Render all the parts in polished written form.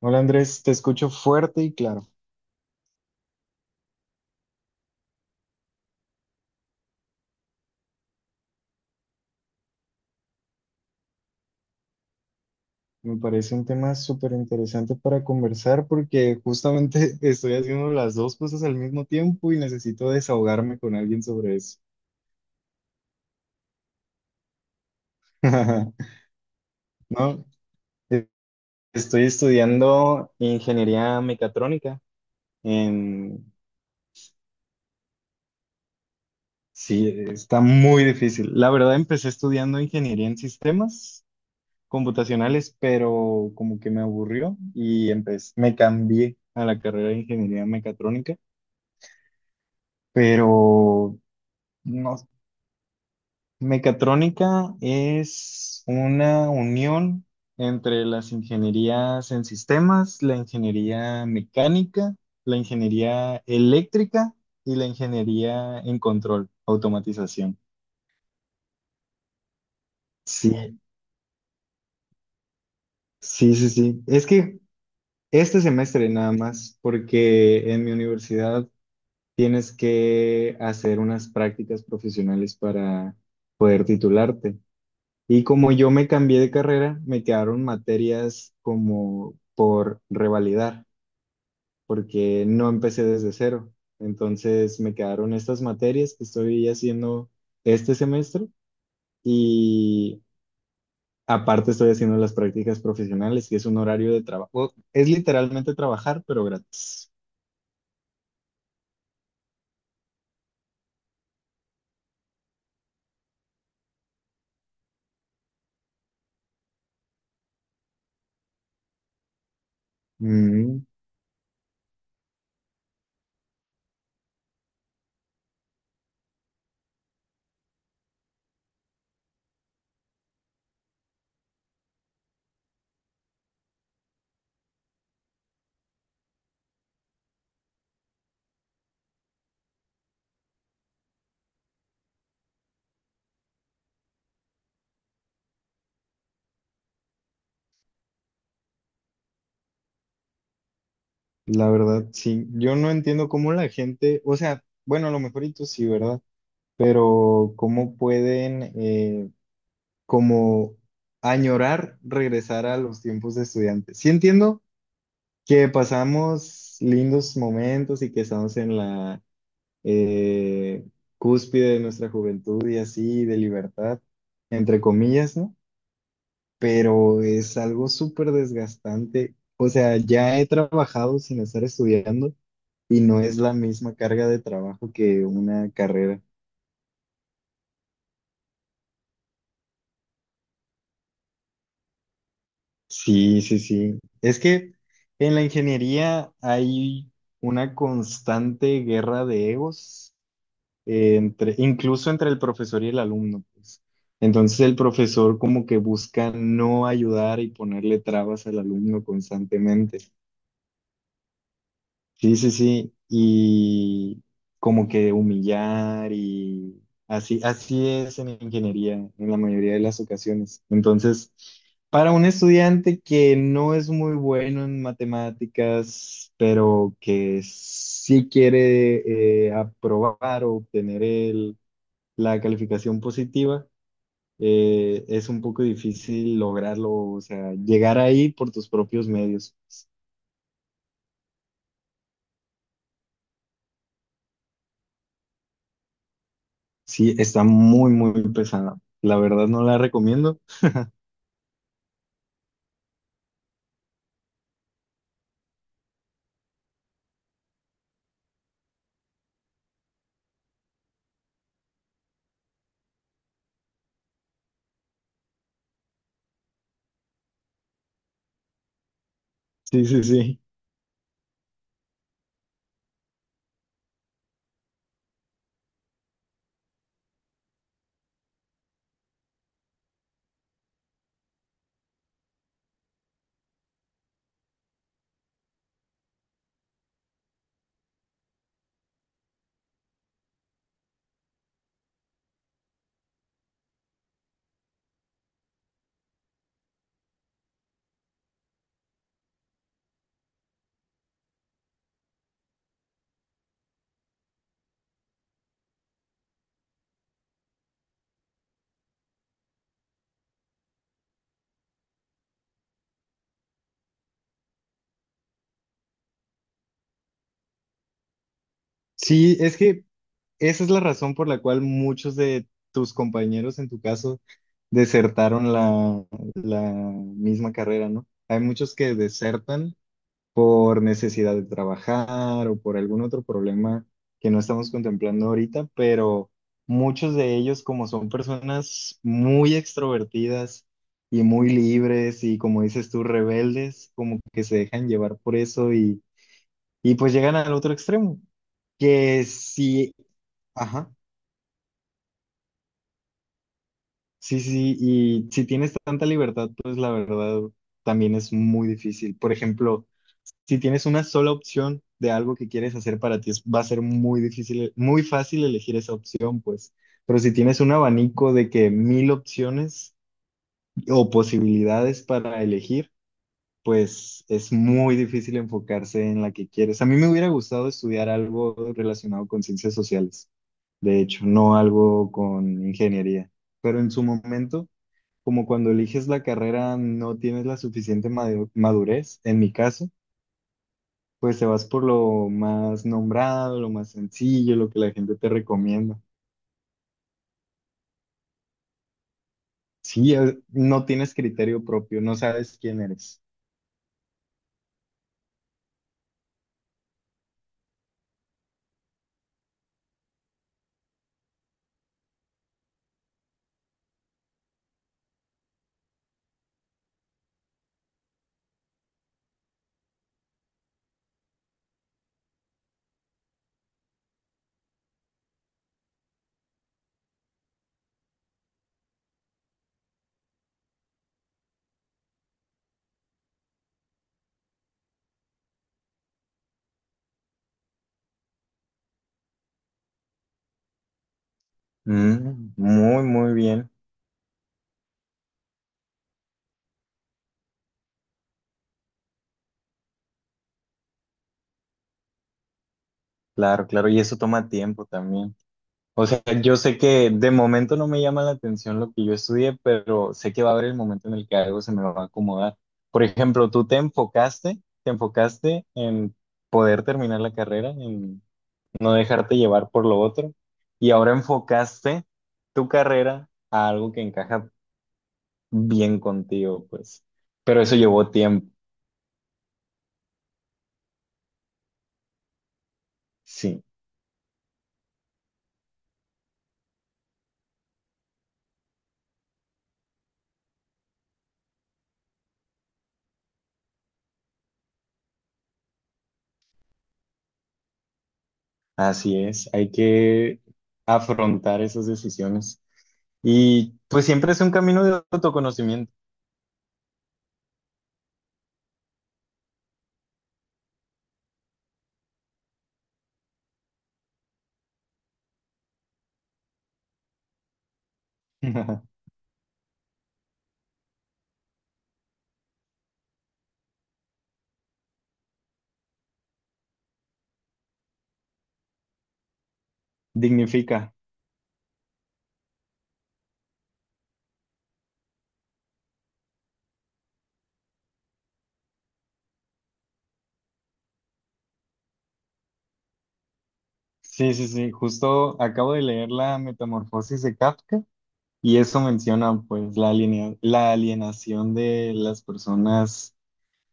Hola Andrés, te escucho fuerte y claro. Me parece un tema súper interesante para conversar porque justamente estoy haciendo las dos cosas al mismo tiempo y necesito desahogarme con alguien sobre eso. No, E- estoy estudiando ingeniería mecatrónica. en- Sí, está muy difícil. La verdad, empecé estudiando ingeniería en sistemas computacionales, pero como que me aburrió y empecé, me cambié a la carrera de ingeniería mecatrónica. Pero no, mecatrónica es una unión entre las ingenierías en sistemas, la ingeniería mecánica, la ingeniería eléctrica y la ingeniería en control, automatización. Sí, sí, sí, sí. Es que este semestre nada más, porque en mi universidad tienes que hacer unas prácticas profesionales para titularte. Y como yo me cambié de carrera, me quedaron materias como por revalidar, porque no empecé desde cero. Entonces me quedaron estas materias que estoy haciendo este semestre y aparte estoy haciendo las prácticas profesionales, que es un horario de trabajo. Es literalmente trabajar, pero gratis. Mm, la verdad, sí. Yo no entiendo cómo la gente, o sea, bueno, a lo mejor y tú sí, ¿verdad? Pero cómo pueden... como añorar regresar a los tiempos de estudiante. Sí entiendo que pasamos lindos momentos y que estamos en la eh, cúspide de nuestra juventud y así, de libertad, entre comillas, ¿no? Pero es algo súper desgastante. O sea, ya he trabajado sin estar estudiando y no es la misma carga de trabajo que una carrera. Sí, sí, sí. Es que en la ingeniería hay una constante guerra de egos, entre, incluso entre el profesor y el alumno, pues. Entonces el profesor como que busca no ayudar y ponerle trabas al alumno constantemente. Sí, sí, sí. Y como que humillar y así, así es en ingeniería en la mayoría de las ocasiones. Entonces, para un estudiante que no es muy bueno en matemáticas, pero que sí quiere aprobar o obtener la calificación positiva, es un poco difícil lograrlo, o sea, llegar ahí por tus propios medios. Sí, está muy, muy pesada. La verdad no la recomiendo. Sí, sí, sí. Sí, es que esa es la razón por la cual muchos de tus compañeros, en tu caso, desertaron la, la misma carrera, ¿no? Hay muchos que desertan por necesidad de trabajar o por algún otro problema que no estamos contemplando ahorita, pero muchos de ellos, como son personas muy extrovertidas y muy libres y como dices tú, rebeldes, como que se dejan llevar por eso y pues llegan al otro extremo, que sí, ajá, sí, sí, y si tienes tanta libertad, pues la verdad también es muy difícil. Por ejemplo, si tienes una sola opción de algo que quieres hacer para ti, va a ser muy difícil, muy fácil elegir esa opción, pues. Pero si tienes un abanico de que mil opciones o posibilidades para elegir, pues es muy difícil enfocarse en la que quieres. A mí me hubiera gustado estudiar algo relacionado con ciencias sociales, de hecho, no algo con ingeniería. Pero en su momento, como cuando eliges la carrera, no tienes la suficiente madurez, en mi caso pues te vas por lo más nombrado, lo más sencillo, lo que la gente te recomienda. Sí, no tienes criterio propio, no sabes quién eres. Mm, muy, muy bien. Claro, claro. Y eso toma tiempo también. O sea, yo sé que de momento no me llama la atención lo que yo estudié, pero sé que va a haber el momento en el que algo se me va a acomodar. Por ejemplo, tú te enfocaste en poder terminar la carrera, en no dejarte llevar por lo otro. Y ahora enfocaste tu carrera a algo que encaja bien contigo, pues. Pero eso llevó tiempo. Sí, así es. Hay que afrontar esas decisiones. Y pues siempre es un camino de autoconocimiento. Dignifica. Sí, sí, sí. Justo acabo de leer la Metamorfosis de Kafka y eso menciona pues la la alienación de las personas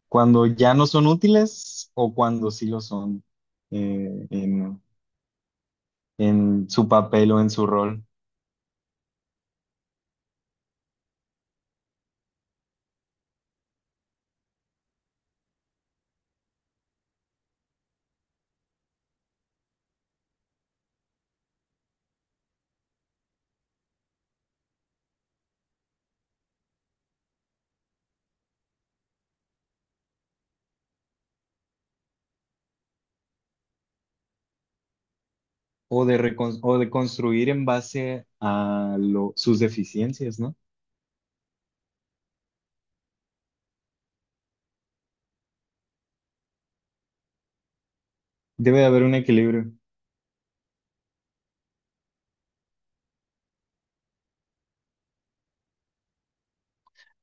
cuando ya no son útiles o cuando sí lo son, eh, en, en su papel o en su rol, o de construir en base a sus deficiencias, ¿no? Debe de haber un equilibrio.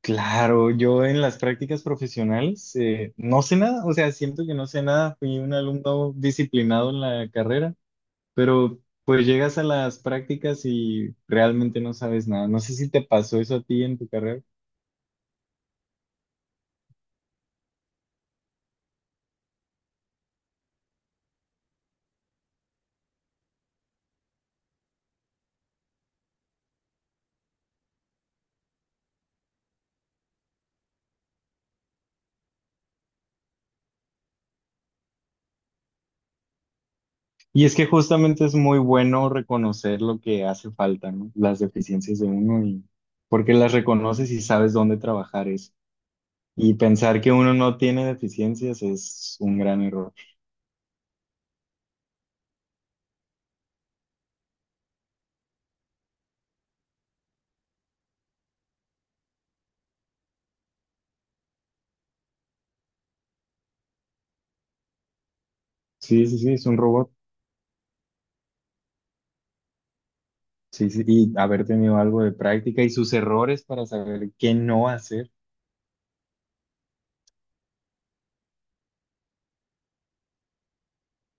Claro, yo en las prácticas profesionales, no sé nada, o sea, siento que no sé nada, fui un alumno disciplinado en la carrera, pero pues llegas a las prácticas y realmente no sabes nada. No sé si te pasó eso a ti en tu carrera. Y es que justamente es muy bueno reconocer lo que hace falta, ¿no? Las deficiencias de uno y porque las reconoces y sabes dónde trabajar eso. Y pensar que uno no tiene deficiencias es un gran error. Sí, sí, sí, es un robot. Sí, sí, y haber tenido algo de práctica y sus errores para saber qué no hacer.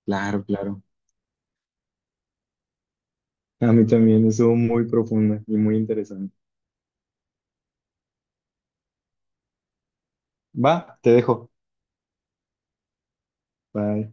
Claro, claro. A mí también estuvo muy profunda y muy interesante. Va, te dejo. Bye.